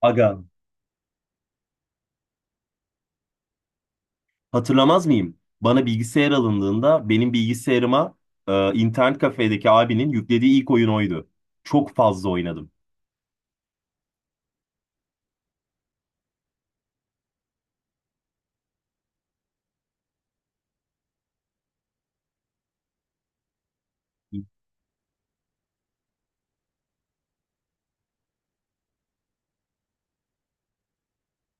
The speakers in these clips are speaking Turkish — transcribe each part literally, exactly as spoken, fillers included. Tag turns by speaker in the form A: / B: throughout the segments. A: Aga, hatırlamaz mıyım? Bana bilgisayar alındığında benim bilgisayarıma e, internet kafedeki abinin yüklediği ilk oyun oydu. Çok fazla oynadım.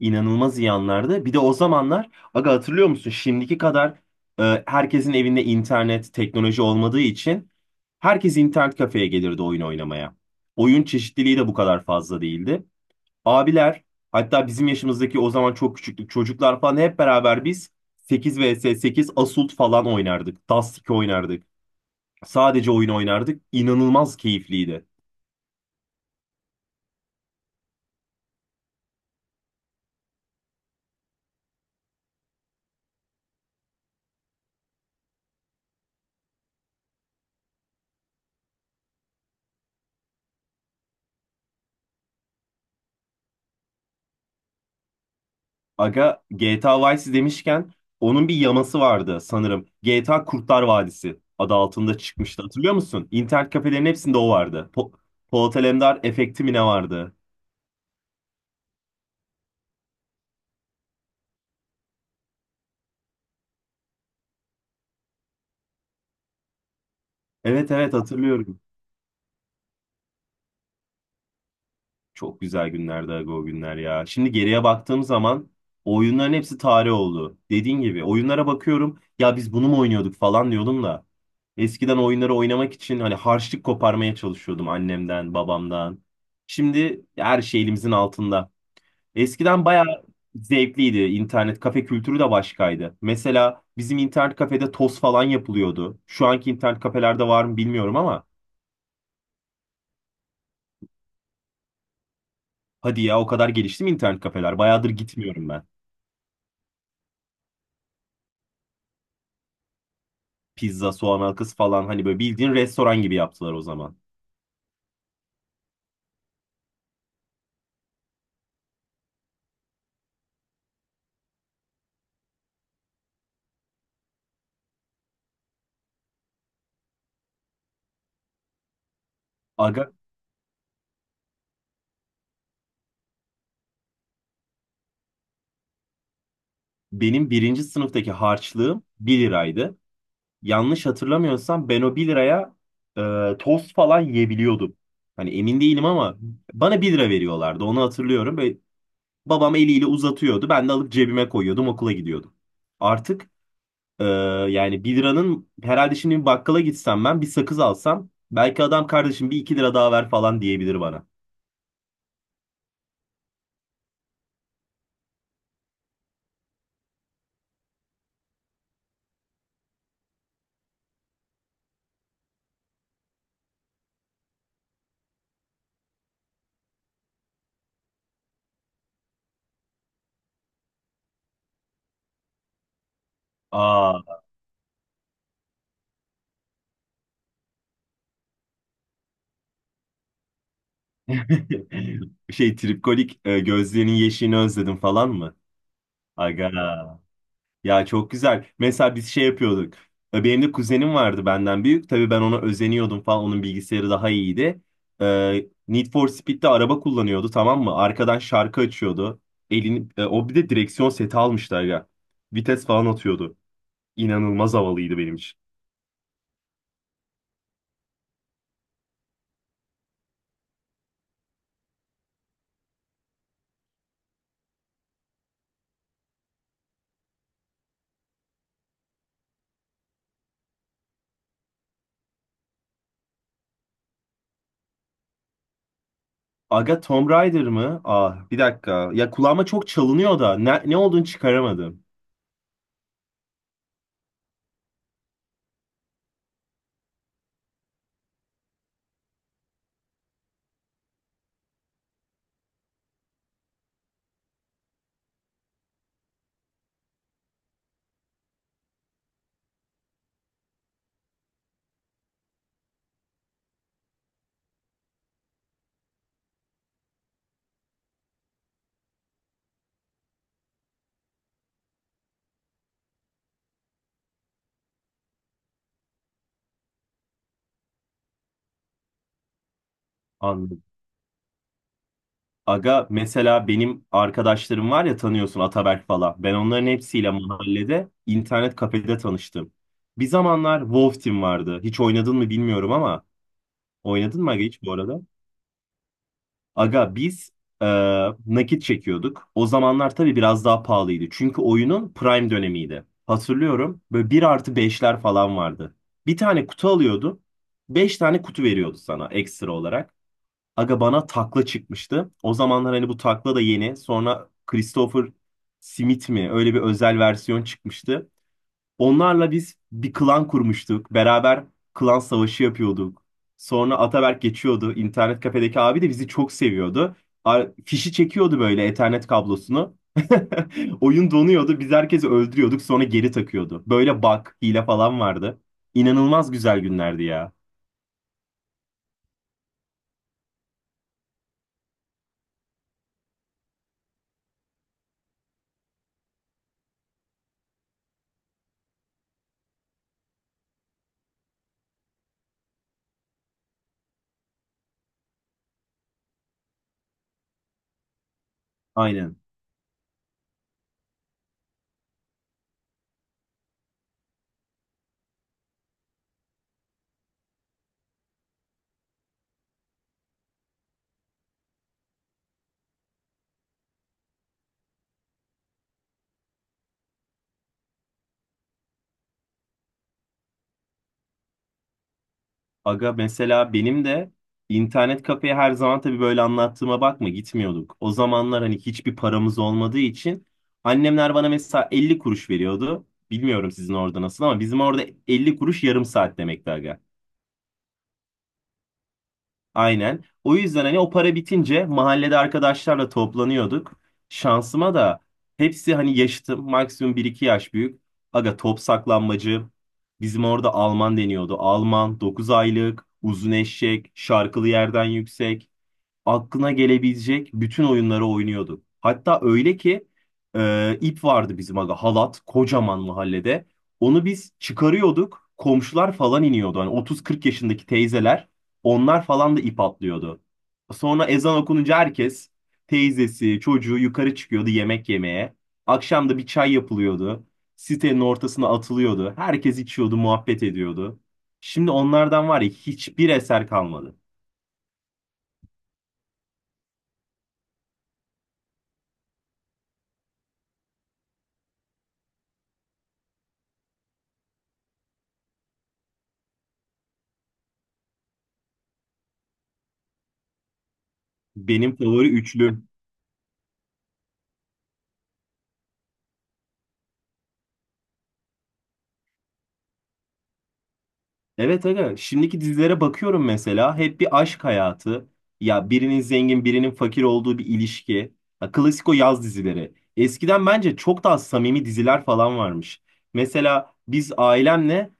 A: İnanılmaz iyi anlardı. Bir de o zamanlar, aga, hatırlıyor musun? Şimdiki kadar e, herkesin evinde internet, teknoloji olmadığı için herkes internet kafeye gelirdi oyun oynamaya. Oyun çeşitliliği de bu kadar fazla değildi. Abiler, hatta bizim yaşımızdaki, o zaman çok küçüktük, çocuklar falan hep beraber biz sekiz vs sekiz Assault falan oynardık. Dust iki oynardık. Sadece oyun oynardık. İnanılmaz keyifliydi. Aga, G T A Vice demişken onun bir yaması vardı sanırım. G T A Kurtlar Vadisi adı altında çıkmıştı, hatırlıyor musun? İnternet kafelerin hepsinde o vardı. Po Polat Alemdar efekti mi ne vardı? Evet, evet, hatırlıyorum. Çok güzel günlerdi aga, o günler ya. Şimdi geriye baktığım zaman o oyunların hepsi tarih oldu. Dediğin gibi, oyunlara bakıyorum ya, biz bunu mu oynuyorduk falan diyordum da. Eskiden oyunları oynamak için hani harçlık koparmaya çalışıyordum annemden, babamdan. Şimdi her şey elimizin altında. Eskiden bayağı zevkliydi. İnternet kafe kültürü de başkaydı. Mesela bizim internet kafede toz falan yapılıyordu. Şu anki internet kafelerde var mı bilmiyorum ama hadi ya, o kadar gelişti mi internet kafeler? Bayağıdır gitmiyorum ben. Pizza, soğan halkası falan, hani böyle bildiğin restoran gibi yaptılar o zaman. Aga, benim birinci sınıftaki harçlığım bir liraydı. Yanlış hatırlamıyorsam ben o bir liraya e, tost falan yiyebiliyordum. Hani emin değilim ama bana bir lira veriyorlardı, onu hatırlıyorum. Ve babam eliyle uzatıyordu, ben de alıp cebime koyuyordum, okula gidiyordum. Artık Ee, Yani bir liranın herhalde şimdi bir bakkala gitsem, ben bir sakız alsam, belki adam kardeşim bir iki lira daha ver falan diyebilir bana. Aa. Şey, tripkolik, e, gözlerinin yeşilini özledim falan mı? Aga. Ya, çok güzel. Mesela biz şey yapıyorduk. E, Benim de kuzenim vardı benden büyük. Tabii ben ona özeniyordum falan. Onun bilgisayarı daha iyiydi. E, Need for Speed'de araba kullanıyordu, tamam mı? Arkadan şarkı açıyordu. Elini, e, o bir de direksiyon seti almıştı aga. Vites falan atıyordu. İnanılmaz havalıydı benim için. Aga, Tomb Raider mı? Ah, bir dakika. Ya kulağıma çok çalınıyor da ne, ne olduğunu çıkaramadım. Anladım. Aga, mesela benim arkadaşlarım var ya, tanıyorsun, Ataberk falan. Ben onların hepsiyle mahallede, internet kafede tanıştım. Bir zamanlar Wolf Team vardı. Hiç oynadın mı bilmiyorum ama, oynadın mı aga hiç bu arada? Aga, biz e, nakit çekiyorduk. O zamanlar tabii biraz daha pahalıydı. Çünkü oyunun prime dönemiydi. Hatırlıyorum, böyle bir artı beşler falan vardı. Bir tane kutu alıyordun. Beş tane kutu veriyordu sana ekstra olarak. Aga, bana takla çıkmıştı. O zamanlar hani bu takla da yeni. Sonra Christopher Smith mi? Öyle bir özel versiyon çıkmıştı. Onlarla biz bir klan kurmuştuk. Beraber klan savaşı yapıyorduk. Sonra Ataberk geçiyordu. İnternet kafedeki abi de bizi çok seviyordu. Ar- Fişi çekiyordu böyle, Ethernet kablosunu. Oyun donuyordu. Biz herkesi öldürüyorduk. Sonra geri takıyordu. Böyle bug, hile falan vardı. İnanılmaz güzel günlerdi ya. Aynen. Aga, mesela benim de internet kafeye her zaman, tabii böyle anlattığıma bakma, gitmiyorduk. O zamanlar hani hiçbir paramız olmadığı için annemler bana mesela elli kuruş veriyordu. Bilmiyorum sizin orada nasıl ama bizim orada elli kuruş yarım saat demekti aga. Aynen. O yüzden hani o para bitince mahallede arkadaşlarla toplanıyorduk. Şansıma da hepsi hani yaşıtım. Maksimum bir iki yaş büyük. Aga, top, saklanmacı. Bizim orada Alman deniyordu. Alman, dokuz aylık, uzun eşek, şarkılı, yerden yüksek, aklına gelebilecek bütün oyunları oynuyorduk. Hatta öyle ki e, ip vardı bizim aga, halat, kocaman, mahallede. Onu biz çıkarıyorduk. Komşular falan iniyordu. Hani otuz kırk yaşındaki teyzeler, onlar falan da ip atlıyordu. Sonra ezan okununca herkes, teyzesi, çocuğu, yukarı çıkıyordu yemek yemeye. Akşam da bir çay yapılıyordu. Sitenin ortasına atılıyordu. Herkes içiyordu, muhabbet ediyordu. Şimdi onlardan var ya, hiçbir eser kalmadı. Benim favori üçlü. Evet aga, şimdiki dizilere bakıyorum mesela, hep bir aşk hayatı. Ya birinin zengin, birinin fakir olduğu bir ilişki. Ya, klasik o yaz dizileri. Eskiden bence çok daha samimi diziler falan varmış. Mesela biz ailemle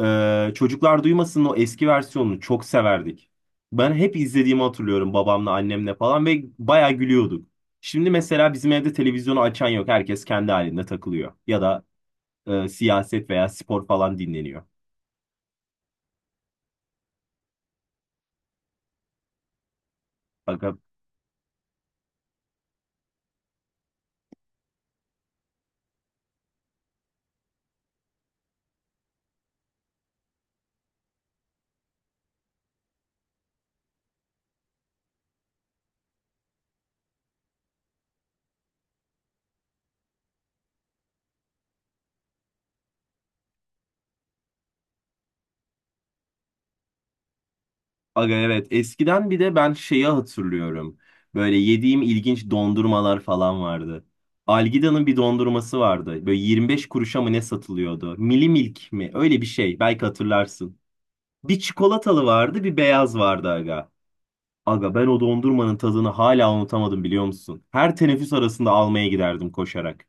A: e, Çocuklar Duymasın'ın o eski versiyonunu çok severdik. Ben hep izlediğimi hatırlıyorum, babamla, annemle falan, ve bayağı gülüyorduk. Şimdi mesela bizim evde televizyonu açan yok. Herkes kendi halinde takılıyor. Ya da e, siyaset veya spor falan dinleniyor. Aga, aga, evet, eskiden bir de ben şeyi hatırlıyorum. Böyle yediğim ilginç dondurmalar falan vardı. Algida'nın bir dondurması vardı. Böyle yirmi beş kuruşa mı ne satılıyordu? Mili Milk mi? Öyle bir şey. Belki hatırlarsın. Bir çikolatalı vardı, bir beyaz vardı aga. Aga, ben o dondurmanın tadını hala unutamadım, biliyor musun? Her teneffüs arasında almaya giderdim koşarak.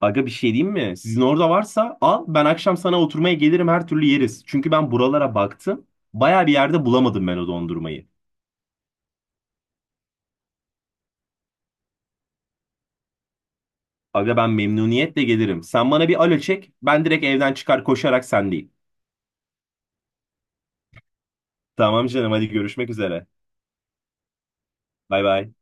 A: Aga, bir şey diyeyim mi? Sizin orada varsa al. Ben akşam sana oturmaya gelirim, her türlü yeriz. Çünkü ben buralara baktım. Baya bir yerde bulamadım ben o dondurmayı. Aga, ben memnuniyetle gelirim. Sen bana bir alo çek. Ben direkt evden çıkar, koşarak sendeyim. Tamam canım, hadi görüşmek üzere. Bay bay.